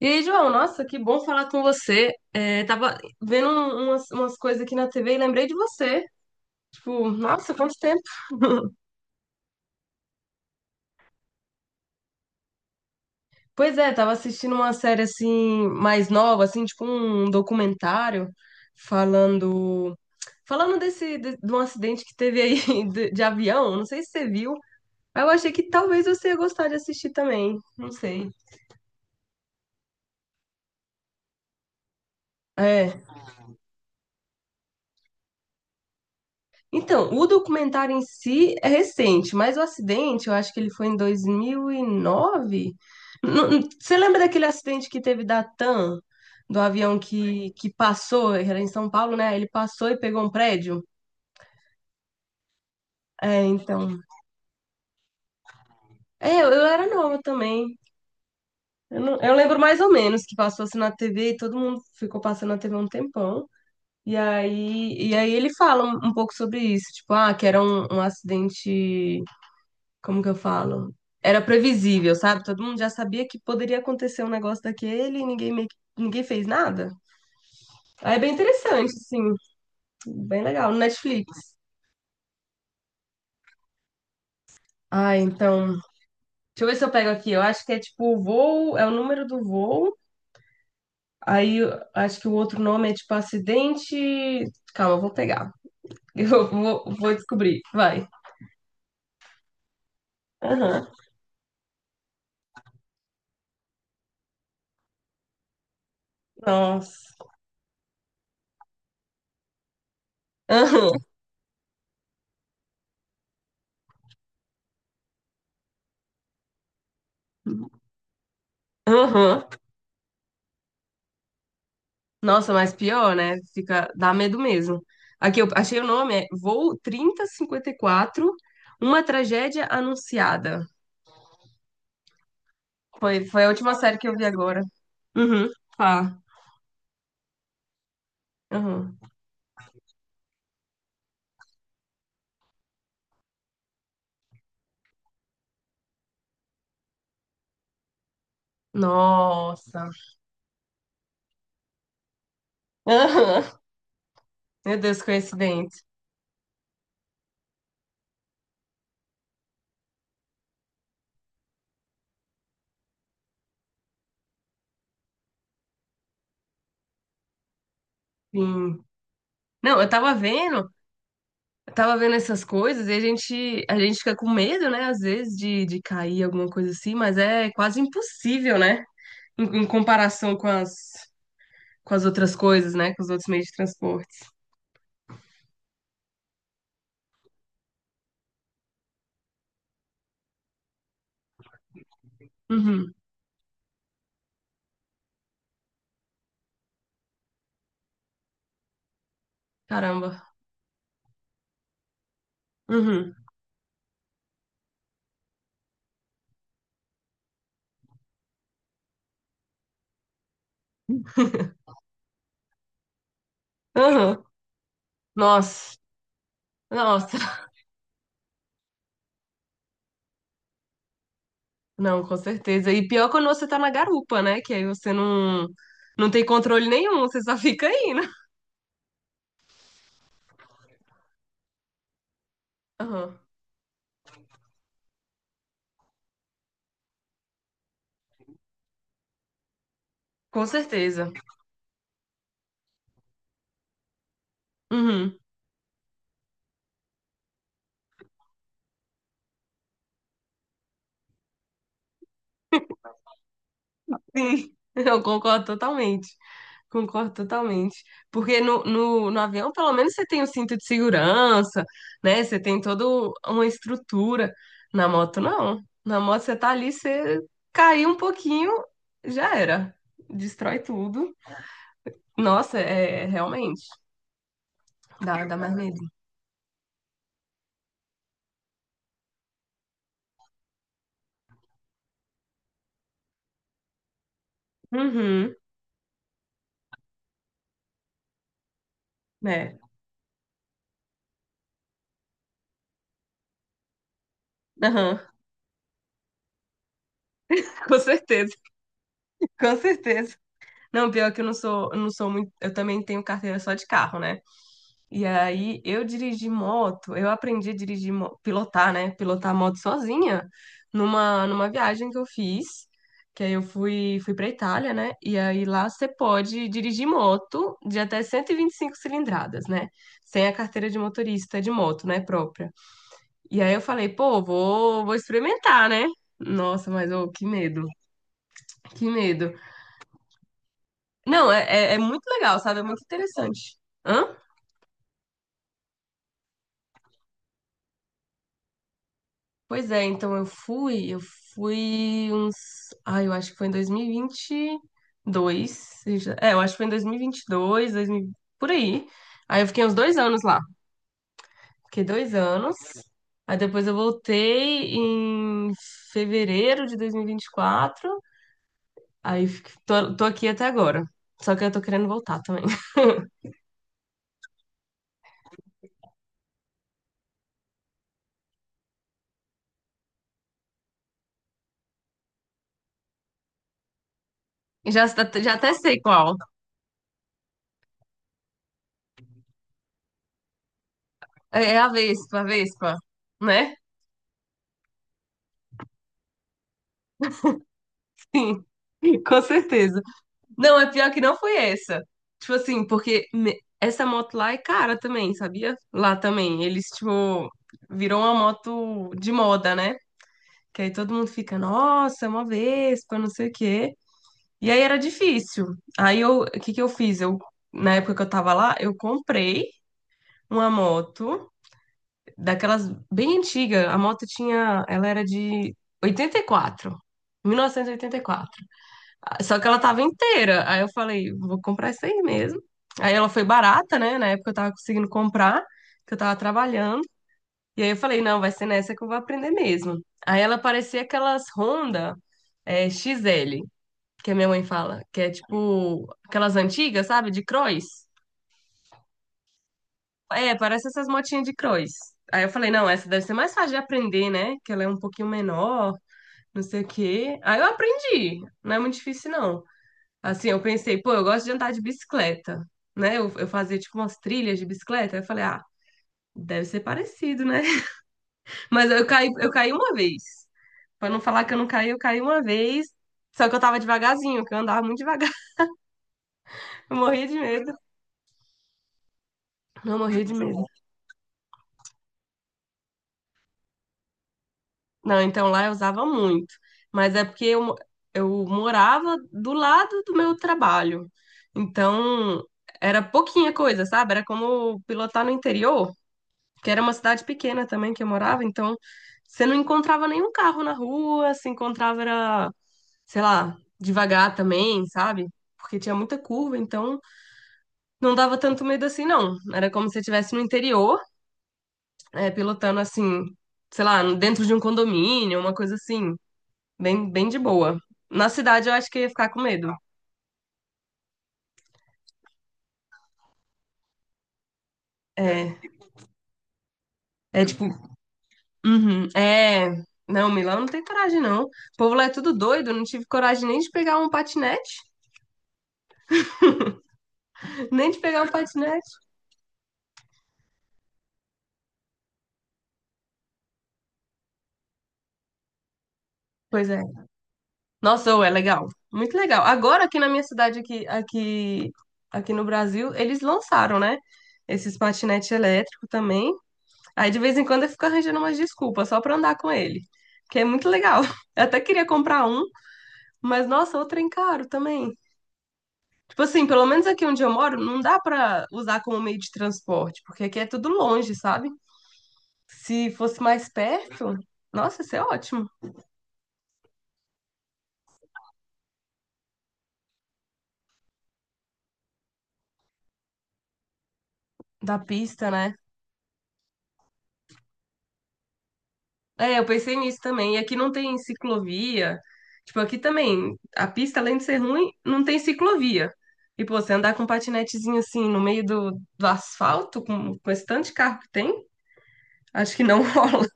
E aí, João, nossa, que bom falar com você. É, tava vendo umas coisas aqui na TV e lembrei de você. Tipo, nossa, quanto tempo. Pois é, tava assistindo uma série assim, mais nova, assim, tipo um documentário falando. Falando desse, de um acidente que teve aí de avião, não sei se você viu. Mas eu achei que talvez você ia gostar de assistir também. Não sei. É. Então, o documentário em si é recente, mas o acidente, eu acho que ele foi em 2009. Você lembra daquele acidente que teve da TAM, do avião que passou, era em São Paulo, né? Ele passou e pegou um prédio? É, então. É, eu era nova também. Eu, não- eu lembro mais ou menos que passou assim na TV e todo mundo ficou passando na TV um tempão. E aí ele fala um pouco sobre isso, tipo, ah, que era um acidente, como que eu falo? Era previsível, sabe? Todo mundo já sabia que poderia acontecer um negócio daquele e ninguém ninguém fez nada. Aí é bem interessante, assim, bem legal, no Netflix. Ah, então, deixa eu ver se eu pego aqui. Eu acho que é tipo o voo, é o número do voo. Aí eu acho que o outro nome é tipo acidente. Calma, eu vou pegar. Eu vou descobrir. Vai. Aham. Nossa. Aham. Aham. Nossa, mas pior, né? Fica, dá medo mesmo. Aqui eu achei o nome, é Voo 3054, Uma Tragédia Anunciada. Foi a última série que eu vi agora. Uhum, fala. Uhum. Nossa. Aham. Meu Deus, coincidente. Sim. Não, eu tava vendo essas coisas e a gente fica com medo, né? Às vezes de cair alguma coisa assim, mas é quase impossível, né? Em comparação com as outras coisas, né? Com os outros meios de transporte. Uhum. Caramba. Uhum. Uhum. Nossa. Nossa. Não, com certeza. E pior quando você tá na garupa, né? Que aí você não tem controle nenhum, você só fica indo. Uhum. Com certeza. Uhum. Sim, eu concordo totalmente. Concordo totalmente. Porque no avião, pelo menos, você tem o cinto de segurança, né? Você tem toda uma estrutura. Na moto, não. Na moto, você tá ali, você caiu um pouquinho, já era. Destrói tudo. Nossa, é realmente. Dá mais medo. Uhum, né? Aham, com certeza, com certeza. Não, pior que eu não sou muito. Eu também tenho carteira só de carro, né? E aí eu dirigi moto, eu aprendi a dirigir, pilotar, né? Pilotar moto sozinha numa viagem que eu fiz, que aí eu fui pra Itália, né? E aí lá você pode dirigir moto de até 125 cilindradas, né? Sem a carteira de motorista de moto, né? Própria. E aí eu falei, pô, vou experimentar, né? Nossa, mas ô, que medo, que medo. Não, é muito legal, sabe? É muito interessante. Hã? Pois é, então eu fui uns. Ai, eu acho que foi em 2022. É, eu acho que foi em 2022, 2000, por aí. Aí eu fiquei uns 2 anos lá. Fiquei 2 anos. Aí depois eu voltei em fevereiro de 2024. Aí tô aqui até agora. Só que eu tô querendo voltar também. Já até sei qual. É a Vespa, né? Sim, com certeza. Não, é pior que não foi essa. Tipo assim, porque essa moto lá é cara também, sabia? Lá também. Eles, tipo, virou uma moto de moda, né? Que aí todo mundo fica, nossa, é uma Vespa, não sei o quê. E aí era difícil. Aí eu, o que que eu fiz? Eu, na época que eu tava lá, eu comprei uma moto daquelas bem antiga. A moto tinha, ela era de oitenta oitenta e quatro 1984. Só que ela tava inteira. Aí eu falei, vou comprar isso aí mesmo. Aí ela foi barata, né? Na época eu tava conseguindo comprar, que eu tava trabalhando. E aí eu falei, não, vai ser nessa que eu vou aprender mesmo. Aí ela parecia aquelas Honda XL, que a minha mãe fala, que é tipo aquelas antigas, sabe? De cross. É, parece essas motinhas de cross. Aí eu falei, não, essa deve ser mais fácil de aprender, né? Que ela é um pouquinho menor, não sei o quê. Aí eu aprendi. Não é muito difícil, não. Assim, eu pensei, pô, eu gosto de andar de bicicleta, né? Eu fazia tipo umas trilhas de bicicleta. Aí eu falei, ah, deve ser parecido, né? Mas eu caí uma vez. Pra não falar que eu não caí, eu caí uma vez. Só que eu tava devagarzinho, que eu andava muito devagar. Eu morria de medo. Não, morria de medo. Não, então lá eu usava muito. Mas é porque eu morava do lado do meu trabalho. Então, era pouquinha coisa, sabe? Era como pilotar no interior, que era uma cidade pequena também que eu morava, então você não encontrava nenhum carro na rua, se encontrava era, sei lá, devagar também, sabe? Porque tinha muita curva, então não dava tanto medo assim, não. Era como se você estivesse no interior, pilotando assim, sei lá, dentro de um condomínio, uma coisa assim, bem, bem de boa. Na cidade eu acho que eu ia ficar com medo. É, é tipo, uhum, é. Não, Milão não tem coragem, não. O povo lá é tudo doido, não tive coragem nem de pegar um patinete, nem de pegar um patinete. Pois é. Nossa, ô, é legal. Muito legal. Agora aqui na minha cidade, aqui no Brasil, eles lançaram, né? Esses patinetes elétricos também. Aí de vez em quando eu fico arranjando umas desculpas só pra andar com ele. Que é muito legal. Eu até queria comprar um, mas nossa, o trem caro também. Tipo assim, pelo menos aqui onde eu moro, não dá pra usar como meio de transporte, porque aqui é tudo longe, sabe? Se fosse mais perto, nossa, isso é ótimo. Da pista, né? É, eu pensei nisso também. E aqui não tem ciclovia. Tipo, aqui também, a pista, além de ser ruim, não tem ciclovia. E, pô, você andar com um patinetezinho assim no meio do asfalto, com esse tanto de carro que tem, acho que não rola.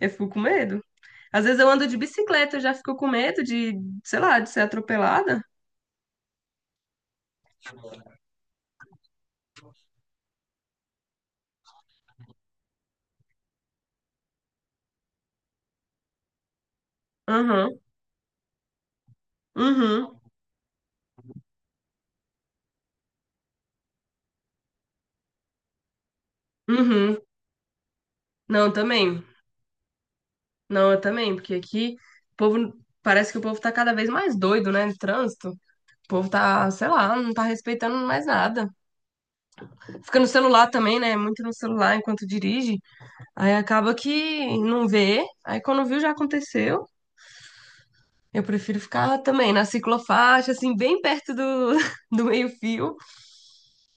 Eu fico com medo. Às vezes eu ando de bicicleta, eu já fico com medo de, sei lá, de ser atropelada. Aham, uhum, uhum. Não, eu também. Não, eu também, porque aqui o povo. Parece que o povo tá cada vez mais doido, né? No trânsito. O povo tá, sei lá, não tá respeitando mais nada. Fica no celular também, né? Muito no celular enquanto dirige. Aí acaba que não vê. Aí quando viu já aconteceu. Eu prefiro ficar também na ciclofaixa, assim, bem perto do, do meio-fio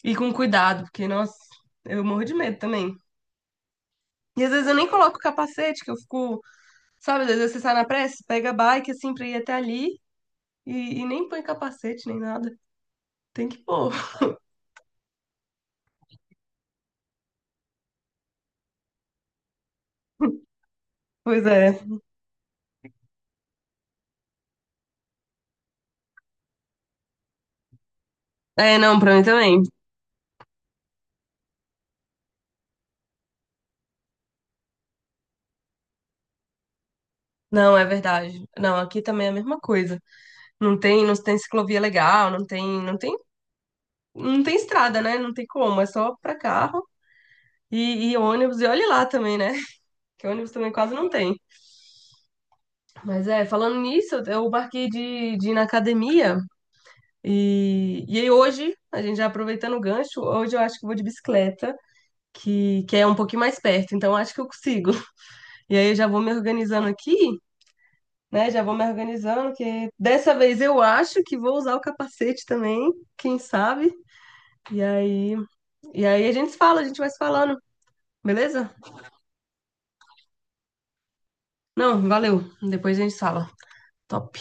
e com cuidado, porque, nossa, eu morro de medo também. E às vezes eu nem coloco o capacete, que eu fico, sabe, às vezes você sai na pressa, pega a bike assim pra ir até ali e nem põe capacete nem nada. Tem que pôr. Pois é. É, não, pra mim também. Não, é verdade. Não, aqui também é a mesma coisa. Não tem ciclovia legal, não tem estrada, né? Não tem como, é só pra carro e ônibus. E olhe lá também, né? Que ônibus também quase não tem. Mas é, falando nisso, eu marquei de ir na academia e aí hoje, a gente já aproveitando o gancho, hoje eu acho que eu vou de bicicleta, que é um pouquinho mais perto, então acho que eu consigo. E aí eu já vou me organizando aqui. Né, já vou me organizando, que dessa vez eu acho que vou usar o capacete também, quem sabe? E aí, E aí a gente se fala, a gente vai se falando, beleza? Não, valeu. Depois a gente se fala. Top.